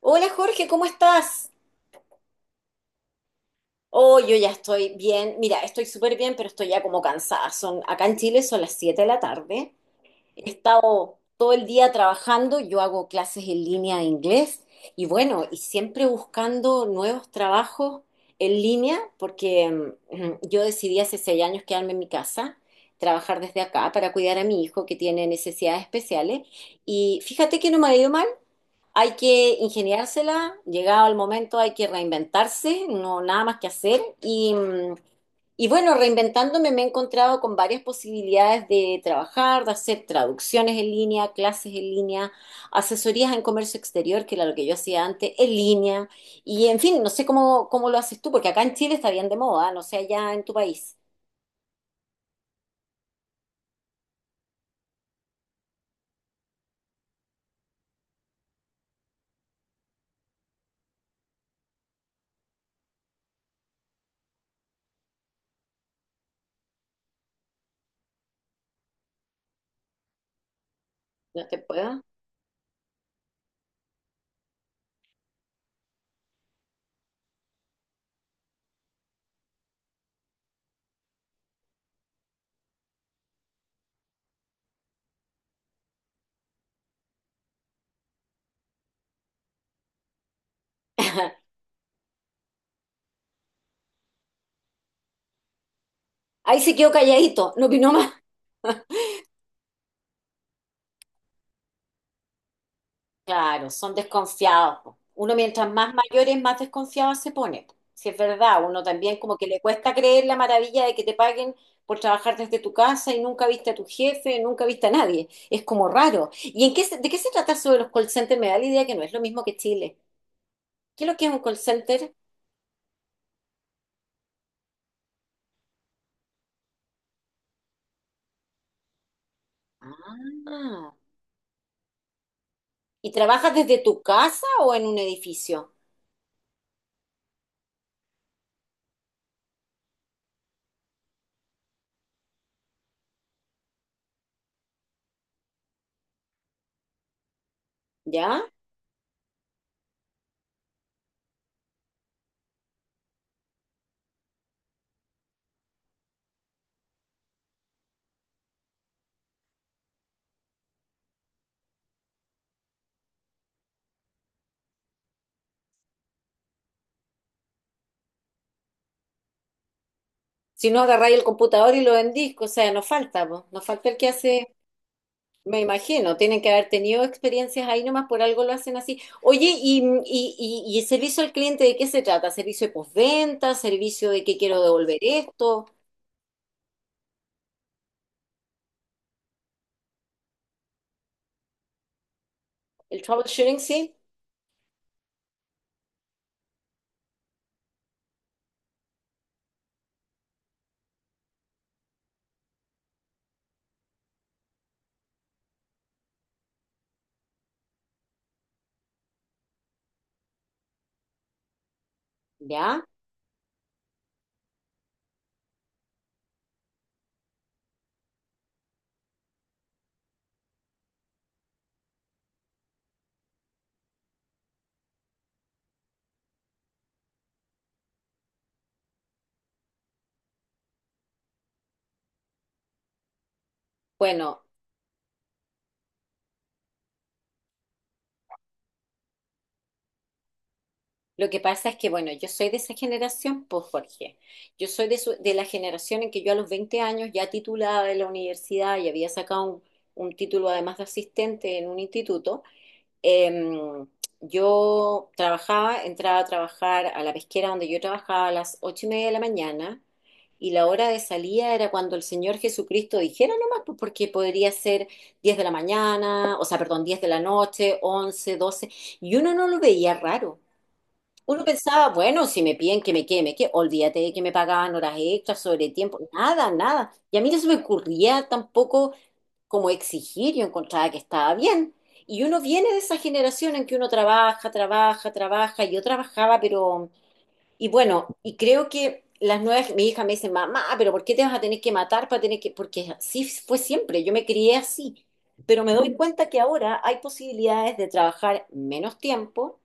Hola Jorge, ¿cómo estás? Oh, yo ya estoy bien. Mira, estoy súper bien, pero estoy ya como cansada. Acá en Chile son las 7 de la tarde. He estado todo el día trabajando. Yo hago clases en línea de inglés y bueno, y siempre buscando nuevos trabajos en línea porque yo decidí hace 6 años quedarme en mi casa, trabajar desde acá para cuidar a mi hijo que tiene necesidades especiales. Y fíjate que no me ha ido mal. Hay que ingeniársela, llegado el momento hay que reinventarse, no nada más que hacer. Y bueno, reinventándome me he encontrado con varias posibilidades de trabajar, de hacer traducciones en línea, clases en línea, asesorías en comercio exterior, que era lo que yo hacía antes, en línea. Y en fin, no sé cómo lo haces tú, porque acá en Chile está bien de moda, no sé allá en tu país. No te puedo. Ahí se quedó calladito, no opinó más. Claro, son desconfiados. Po. Uno mientras más mayor es, más desconfiado se pone. Po. Si es verdad, uno también como que le cuesta creer la maravilla de que te paguen por trabajar desde tu casa y nunca viste a tu jefe, nunca viste a nadie. Es como raro. ¿Y de qué se trata eso de los call centers? Me da la idea que no es lo mismo que Chile. ¿Qué es lo que es un call center? Ah, ¿y trabajas desde tu casa o en un edificio? ¿Ya? Si no, agarráis el computador y lo vendís, o sea, no falta, po. No falta el que hace... Me imagino, tienen que haber tenido experiencias ahí nomás, por algo lo hacen así. Oye, ¿y el servicio al cliente de qué se trata? ¿Servicio de postventa? ¿Servicio de que quiero devolver esto? ¿El troubleshooting, sí? ¿Ya? Bueno, lo que pasa es que, bueno, yo soy de esa generación, pues Jorge. Yo soy de la generación en que yo a los 20 años, ya titulada de la universidad y había sacado un título además de asistente en un instituto. Em, yo trabajaba, entraba a trabajar a la pesquera donde yo trabajaba a las 8:30 de la mañana y la hora de salida era cuando el Señor Jesucristo dijera nomás, pues, porque podría ser 10 de la mañana, o sea, perdón, 10 de la noche, 11, 12 y uno no lo veía raro. Uno pensaba, bueno, si me piden que me quede, olvídate de que me pagaban horas extras, sobre tiempo, nada, nada. Y a mí no se me ocurría tampoco como exigir, yo encontraba que estaba bien. Y uno viene de esa generación en que uno trabaja, trabaja, trabaja, y yo trabajaba, pero, y bueno, y creo que mi hija me dice, mamá, pero ¿por qué te vas a tener que matar para tener que, porque así fue siempre, yo me crié así, pero me doy cuenta que ahora hay posibilidades de trabajar menos tiempo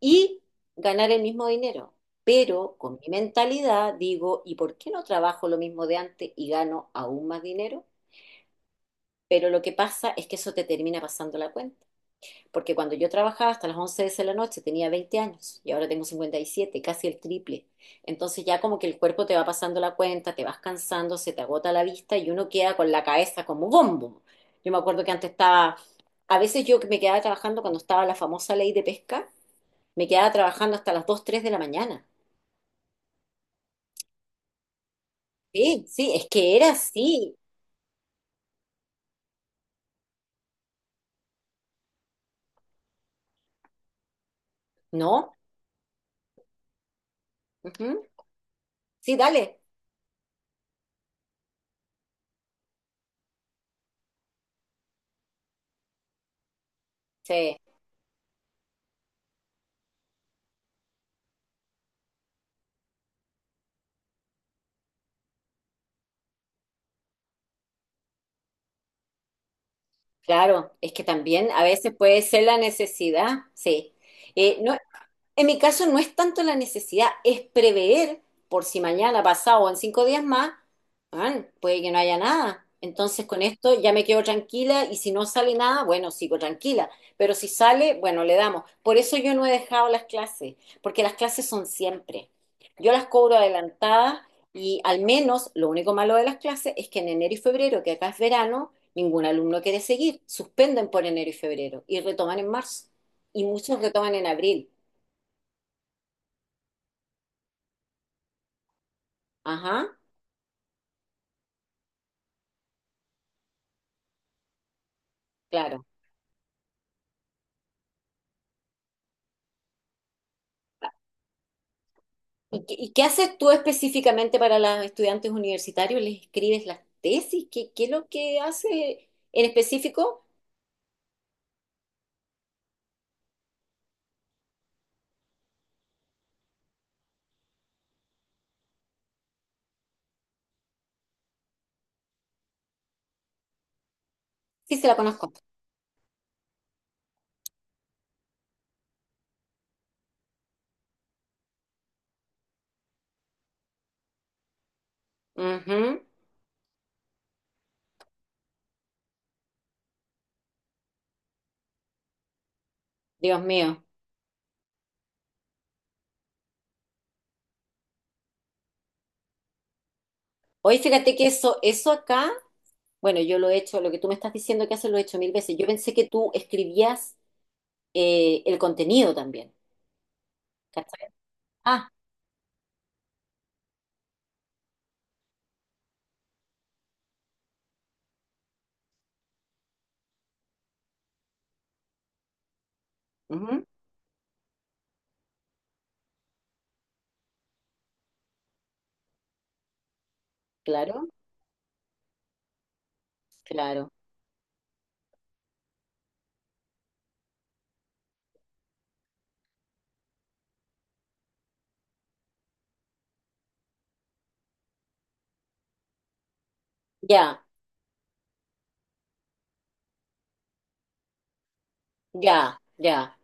y ganar el mismo dinero. Pero con mi mentalidad digo, ¿y por qué no trabajo lo mismo de antes y gano aún más dinero? Pero lo que pasa es que eso te termina pasando la cuenta. Porque cuando yo trabajaba hasta las 11 de la noche tenía 20 años y ahora tengo 57, casi el triple. Entonces ya como que el cuerpo te va pasando la cuenta, te vas cansando, se te agota la vista y uno queda con la cabeza como bombo. Yo me acuerdo que antes estaba, a veces yo que me quedaba trabajando cuando estaba la famosa ley de pesca, me quedaba trabajando hasta las 2 3 de la mañana. Sí, sí, es que era así, ¿no? Ujú. Sí, dale. Sí. Claro, es que también a veces puede ser la necesidad, sí. No, en mi caso no es tanto la necesidad, es prever por si mañana, pasado o en 5 días más, man, puede que no haya nada. Entonces con esto ya me quedo tranquila y si no sale nada, bueno, sigo tranquila. Pero si sale, bueno, le damos. Por eso yo no he dejado las clases, porque las clases son siempre. Yo las cobro adelantadas y al menos lo único malo de las clases es que en enero y febrero, que acá es verano, ningún alumno quiere seguir. Suspenden por enero y febrero y retoman en marzo. Y muchos retoman en abril. Ajá, claro. Y qué haces tú específicamente para los estudiantes universitarios? ¿Les escribes las tesis? ¿Qué es lo que hace en específico? Sí, se la conozco. Ujú, Dios mío. Hoy fíjate que eso acá, bueno, yo lo he hecho, lo que tú me estás diciendo que haces lo he hecho mil veces. Yo pensé que tú escribías el contenido también. ¿Cachai? Ah, ujú, claro, claro. Ya, ya, ya,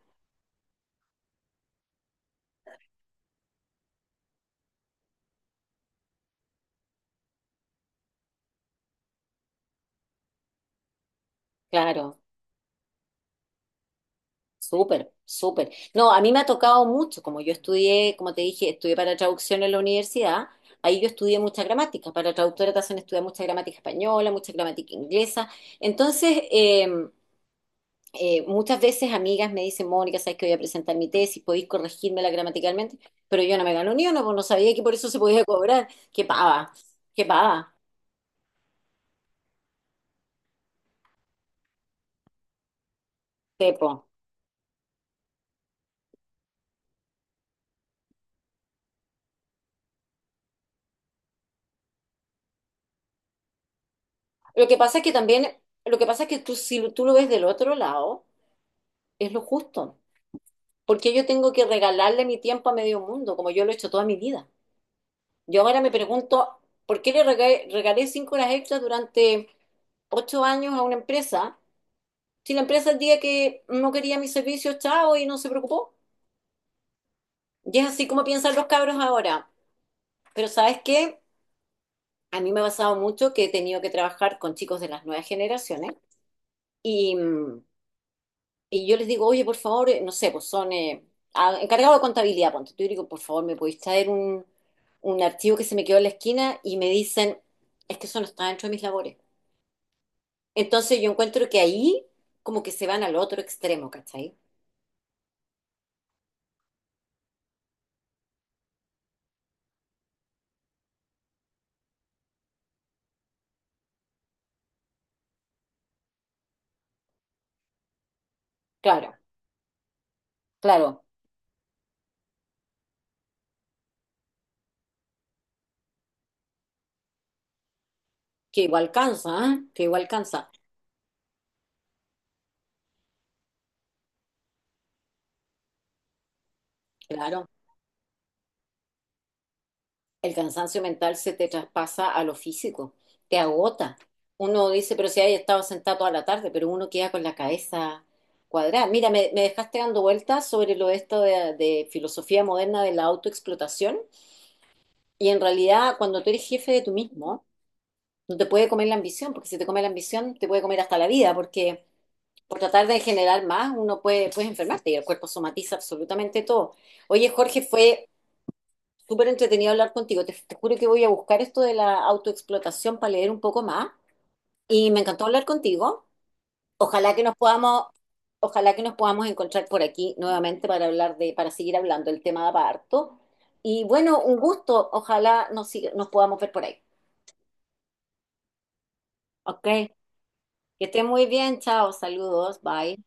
claro. Súper, súper. No, a mí me ha tocado mucho, como yo estudié, como te dije, estudié para traducción en la universidad, ahí yo estudié mucha gramática, para traductora te hacen estudiar mucha gramática española, mucha gramática inglesa. Entonces, muchas veces amigas me dicen, Mónica, sabes que voy a presentar mi tesis, podéis corregírmela gramaticalmente, pero yo no me gano ni una, pues no sabía que por eso se podía cobrar. Qué pava, qué pava, Pepo. Lo que pasa es que también, lo que pasa es que tú, si tú lo ves del otro lado, es lo justo, porque yo tengo que regalarle mi tiempo a medio mundo, como yo lo he hecho toda mi vida. Yo ahora me pregunto, ¿por qué le regalé 5 horas extras durante 8 años a una empresa? Si la empresa el día que no quería mis servicios, chao, y no se preocupó. Y es así como piensan los cabros ahora. Pero ¿sabes qué? A mí me ha pasado mucho que he tenido que trabajar con chicos de las nuevas generaciones y mm, Y yo les digo, oye, por favor, no sé, pues son encargados de contabilidad, ponte tú, y digo, por favor, ¿me podéis traer un archivo que se me quedó en la esquina? Y me dicen, es que eso no está dentro de mis labores. Entonces yo encuentro que ahí como que se van al otro extremo, ¿cachai? Claro, claro, que igual cansa, ¿ah? Que igual cansa. Claro. El cansancio mental se te traspasa a lo físico, te agota. Uno dice, pero si hay estado sentado toda la tarde, pero uno queda con la cabeza cuadrada. Mira, me dejaste dando vueltas sobre lo de esto de filosofía moderna de la autoexplotación. Y en realidad, cuando tú eres jefe de tú mismo, no te puede comer la ambición, porque si te come la ambición, te puede comer hasta la vida, porque por tratar de generar más, uno puede, puedes enfermarte y el cuerpo somatiza absolutamente todo. Oye, Jorge, fue súper entretenido hablar contigo. Te juro que voy a buscar esto de la autoexplotación para leer un poco más. Y me encantó hablar contigo. Ojalá que nos podamos, Ojalá que nos podamos encontrar por aquí nuevamente para hablar para seguir hablando el tema de parto. Y bueno, un gusto. Ojalá nos podamos ver por ahí. Ok. Que estés muy bien. Chao. Saludos. Bye.